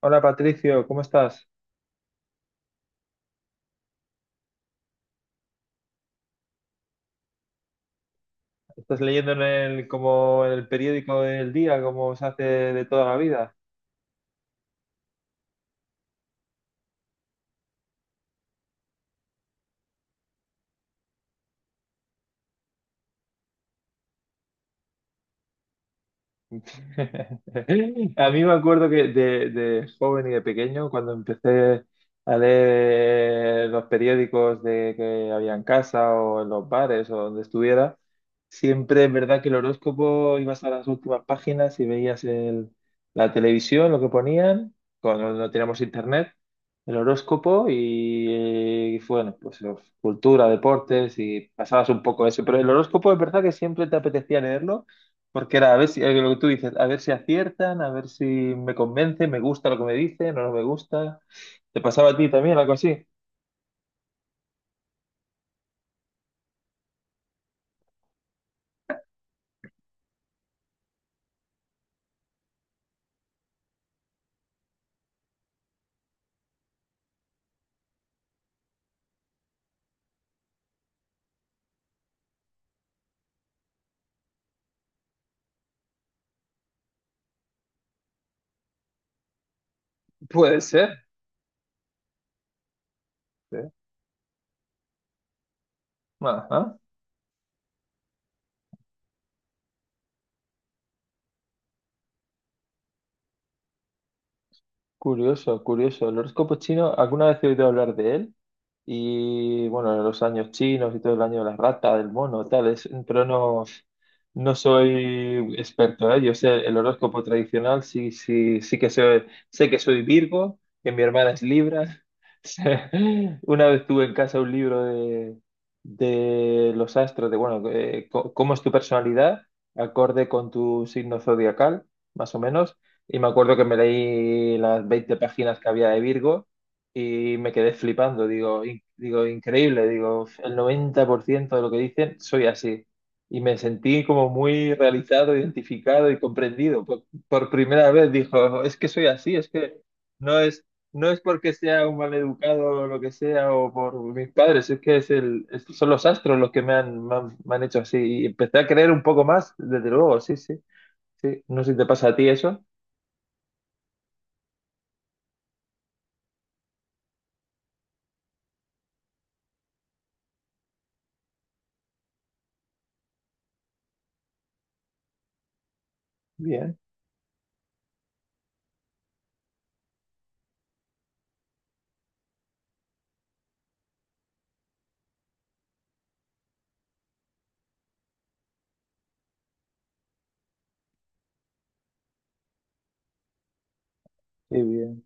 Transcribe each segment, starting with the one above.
Hola Patricio, ¿cómo estás? ¿Estás leyendo en como en el periódico del día, como se hace de toda la vida? A mí me acuerdo que de joven y de pequeño, cuando empecé a leer los periódicos de que había en casa o en los bares o donde estuviera, siempre es verdad que el horóscopo ibas a las últimas páginas y veías la televisión, lo que ponían, cuando no teníamos internet, el horóscopo y, bueno, pues cultura, deportes y pasabas un poco eso. Pero el horóscopo es verdad que siempre te apetecía leerlo porque era a ver si, lo que tú dices, a ver si aciertan, a ver si me convence, me gusta lo que me dicen o no me gusta. ¿Te pasaba a ti también algo así? Puede ser. ¿Eh? Ajá. Curioso, curioso. El horóscopo chino, alguna vez he oído hablar de él. Y bueno, los años chinos y todo el año de la rata, del mono, tal, pero no, no soy experto, ¿eh? Yo sé el horóscopo tradicional, sí, sí, sí que sé, sé que soy Virgo, que mi hermana es Libra. Sé- Una vez tuve en casa un libro de los astros, de bueno, cómo es tu personalidad, acorde con tu signo zodiacal, más o menos. Y me acuerdo que me leí las 20 páginas que había de Virgo y me quedé flipando. Digo, digo, increíble. Digo, el 90% de lo que dicen soy así. Y me sentí como muy realizado, identificado y comprendido. Por primera vez dijo, es que soy así, es que no es, no es porque sea un maleducado o lo que sea o por mis padres, es que es son los astros los que me han hecho así. Y empecé a creer un poco más, desde luego, sí, sí, sí. No sé si te pasa a ti eso. Bien. Qué bien.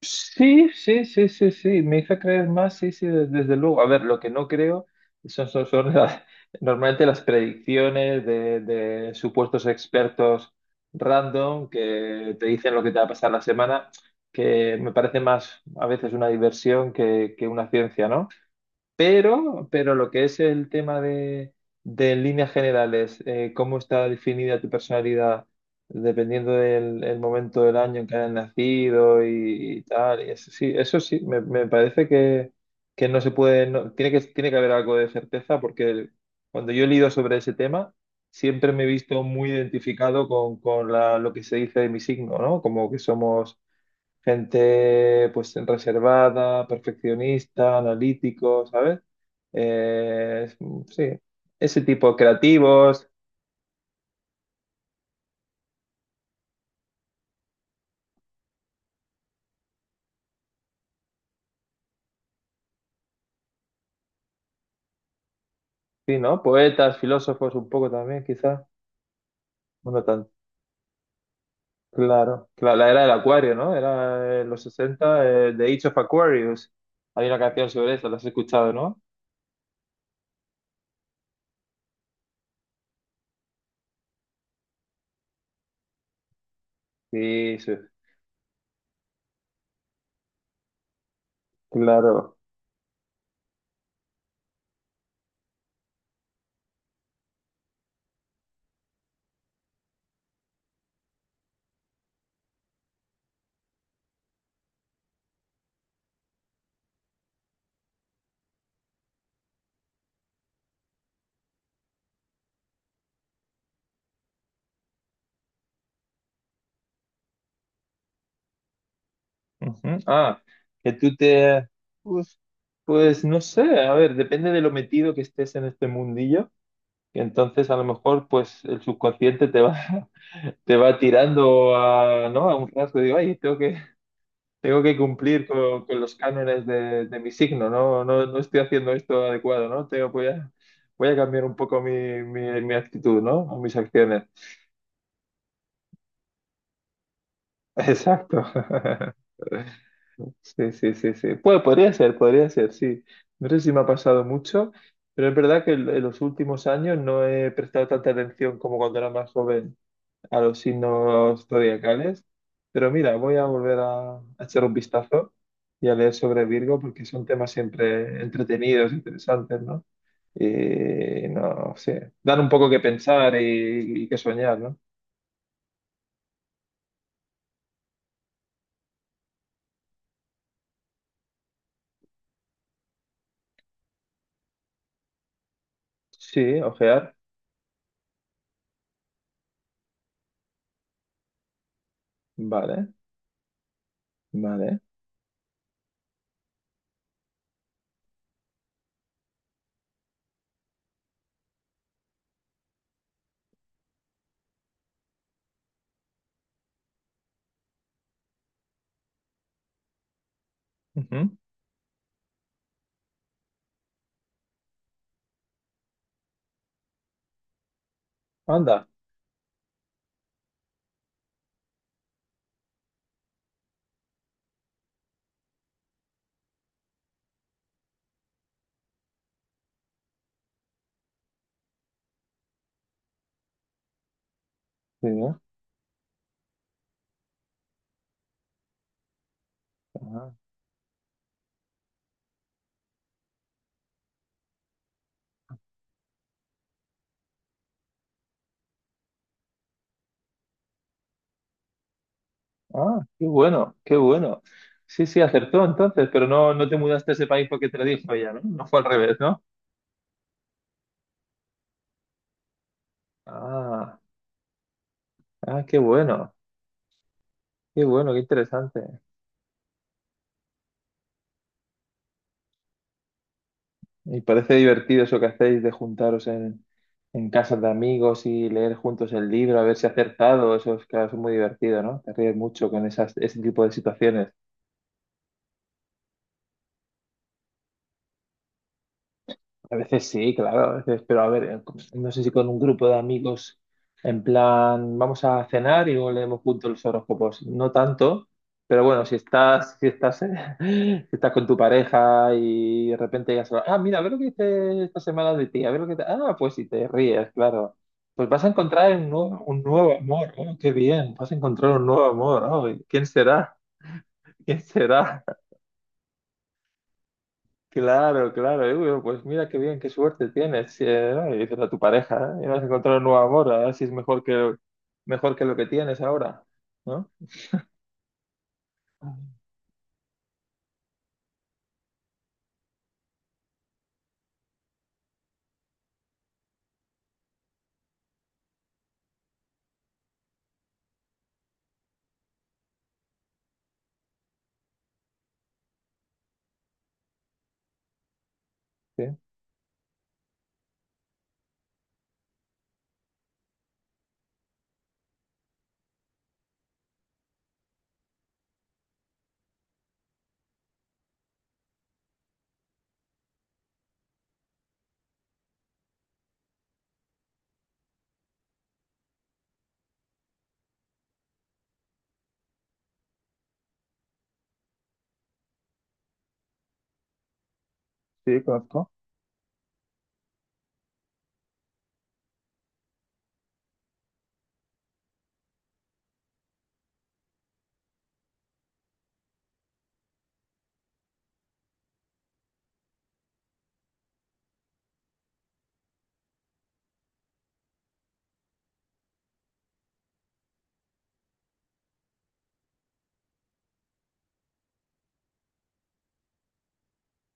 Sí, sí, sí, sí, sí, me hizo creer más, sí, sí, desde luego. A ver, lo que no creo son normalmente las predicciones de supuestos expertos random que te dicen lo que te va a pasar la semana, que me parece más a veces una diversión que una ciencia, ¿no? Pero lo que es el tema de en líneas generales, cómo está definida tu personalidad dependiendo del el momento del año en que hayas nacido y tal, y eso sí, me parece que no se puede, tiene que haber algo de certeza porque cuando yo he leído sobre ese tema, siempre me he visto muy identificado con lo que se dice de mi signo, ¿no? Como que somos gente pues reservada, perfeccionista, analítico, ¿sabes? Eh, es- sí, ese tipo de creativos, sí, ¿no? Poetas, filósofos un poco también, quizás. Bueno, tan claro. La era del acuario, ¿no? Era los 60 The Age of Aquarius. Hay una canción sobre eso, la has escuchado, ¿no? Sí, sí, claro. Ujú. Ah, que tú te... Pues, pues no sé, a ver, depende de lo metido que estés en este mundillo. Y entonces a lo mejor pues el subconsciente te va, te va tirando a, ¿no? A un rasgo, digo, ay, tengo que cumplir con los cánones de mi signo, ¿no? No, no estoy haciendo esto adecuado, ¿no? Tengo, voy a, voy a cambiar un poco mi, mi actitud, ¿no? O mis acciones. Exacto. Sí, sí, sí, sí. Pues podría ser, sí. No sé si me ha pasado mucho, pero es verdad que en los últimos años no he prestado tanta atención como cuando era más joven a los signos zodiacales. Pero mira, voy a volver a echar un vistazo y a leer sobre Virgo porque son temas siempre entretenidos, interesantes, ¿no? Y no sé, dan un poco que pensar y que soñar, ¿no? Sí, ojear. Vale, vale. Ujú. Anda. Sí, ¿no? Ah, ah, qué bueno, qué bueno. Sí, sí, acertó entonces, pero no, no te mudaste a ese país porque te lo dijo ella, ¿no? No fue al revés, ¿no? Ah, ah, qué bueno, qué bueno, qué interesante. Y parece divertido eso que hacéis de juntaros en casas de amigos y leer juntos el libro, a ver si acertado. Eso es, claro, es muy divertido, ¿no? Te ríes mucho con esas, ese tipo de situaciones. A veces sí, claro, a veces, pero a ver, pues, no sé si con un grupo de amigos, en plan, vamos a cenar y luego leemos juntos los horóscopos. No tanto, pero bueno, si estás, si estás con tu pareja y de repente ya se ah, mira, a ver lo que dice esta semana de ti, a ver lo que te... Ah, pues si te ríes, claro. Pues vas a encontrar un nuevo amor, oh, qué bien, vas a encontrar un nuevo amor, oh, ¿quién será? ¿Quién será? Claro, claro. Y, bueno, pues mira qué bien, qué suerte tienes. Sí, ¿no? Y dices a tu pareja, ¿eh? Y vas a encontrar un nuevo amor, a ver si es mejor que lo que tienes ahora, ¿no? Ah, sí, sí, conozco.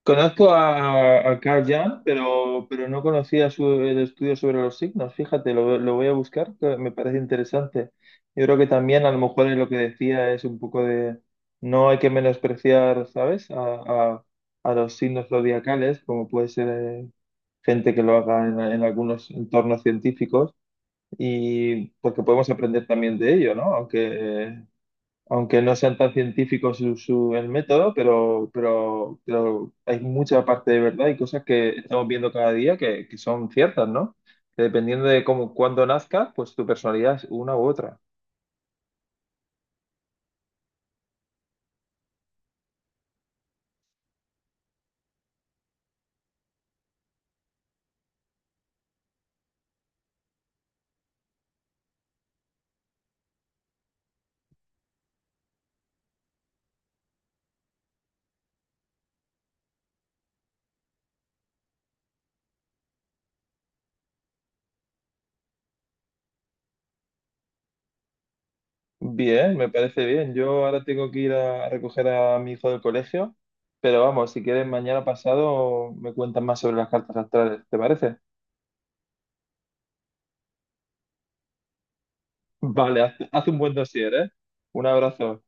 Conozco a Carl Jung, pero no conocía el estudio sobre los signos. Fíjate, lo voy a buscar, que me parece interesante. Yo creo que también a lo mejor es lo que decía es un poco de no hay que menospreciar, ¿sabes? A- a los signos zodiacales, como puede ser gente que lo haga en algunos entornos científicos y porque podemos aprender también de ello, ¿no? Aunque, aunque no sean tan científicos su, el método, pero hay mucha parte de verdad y cosas que estamos viendo cada día que son ciertas, ¿no? Que dependiendo de cómo, cuándo nazcas, pues tu personalidad es una u otra. Bien, me parece bien. Yo ahora tengo que ir a recoger a mi hijo del colegio, pero vamos, si quieres mañana pasado me cuentas más sobre las cartas astrales, ¿te parece? Vale, haz, haz un buen dossier, ¿eh? Un abrazo.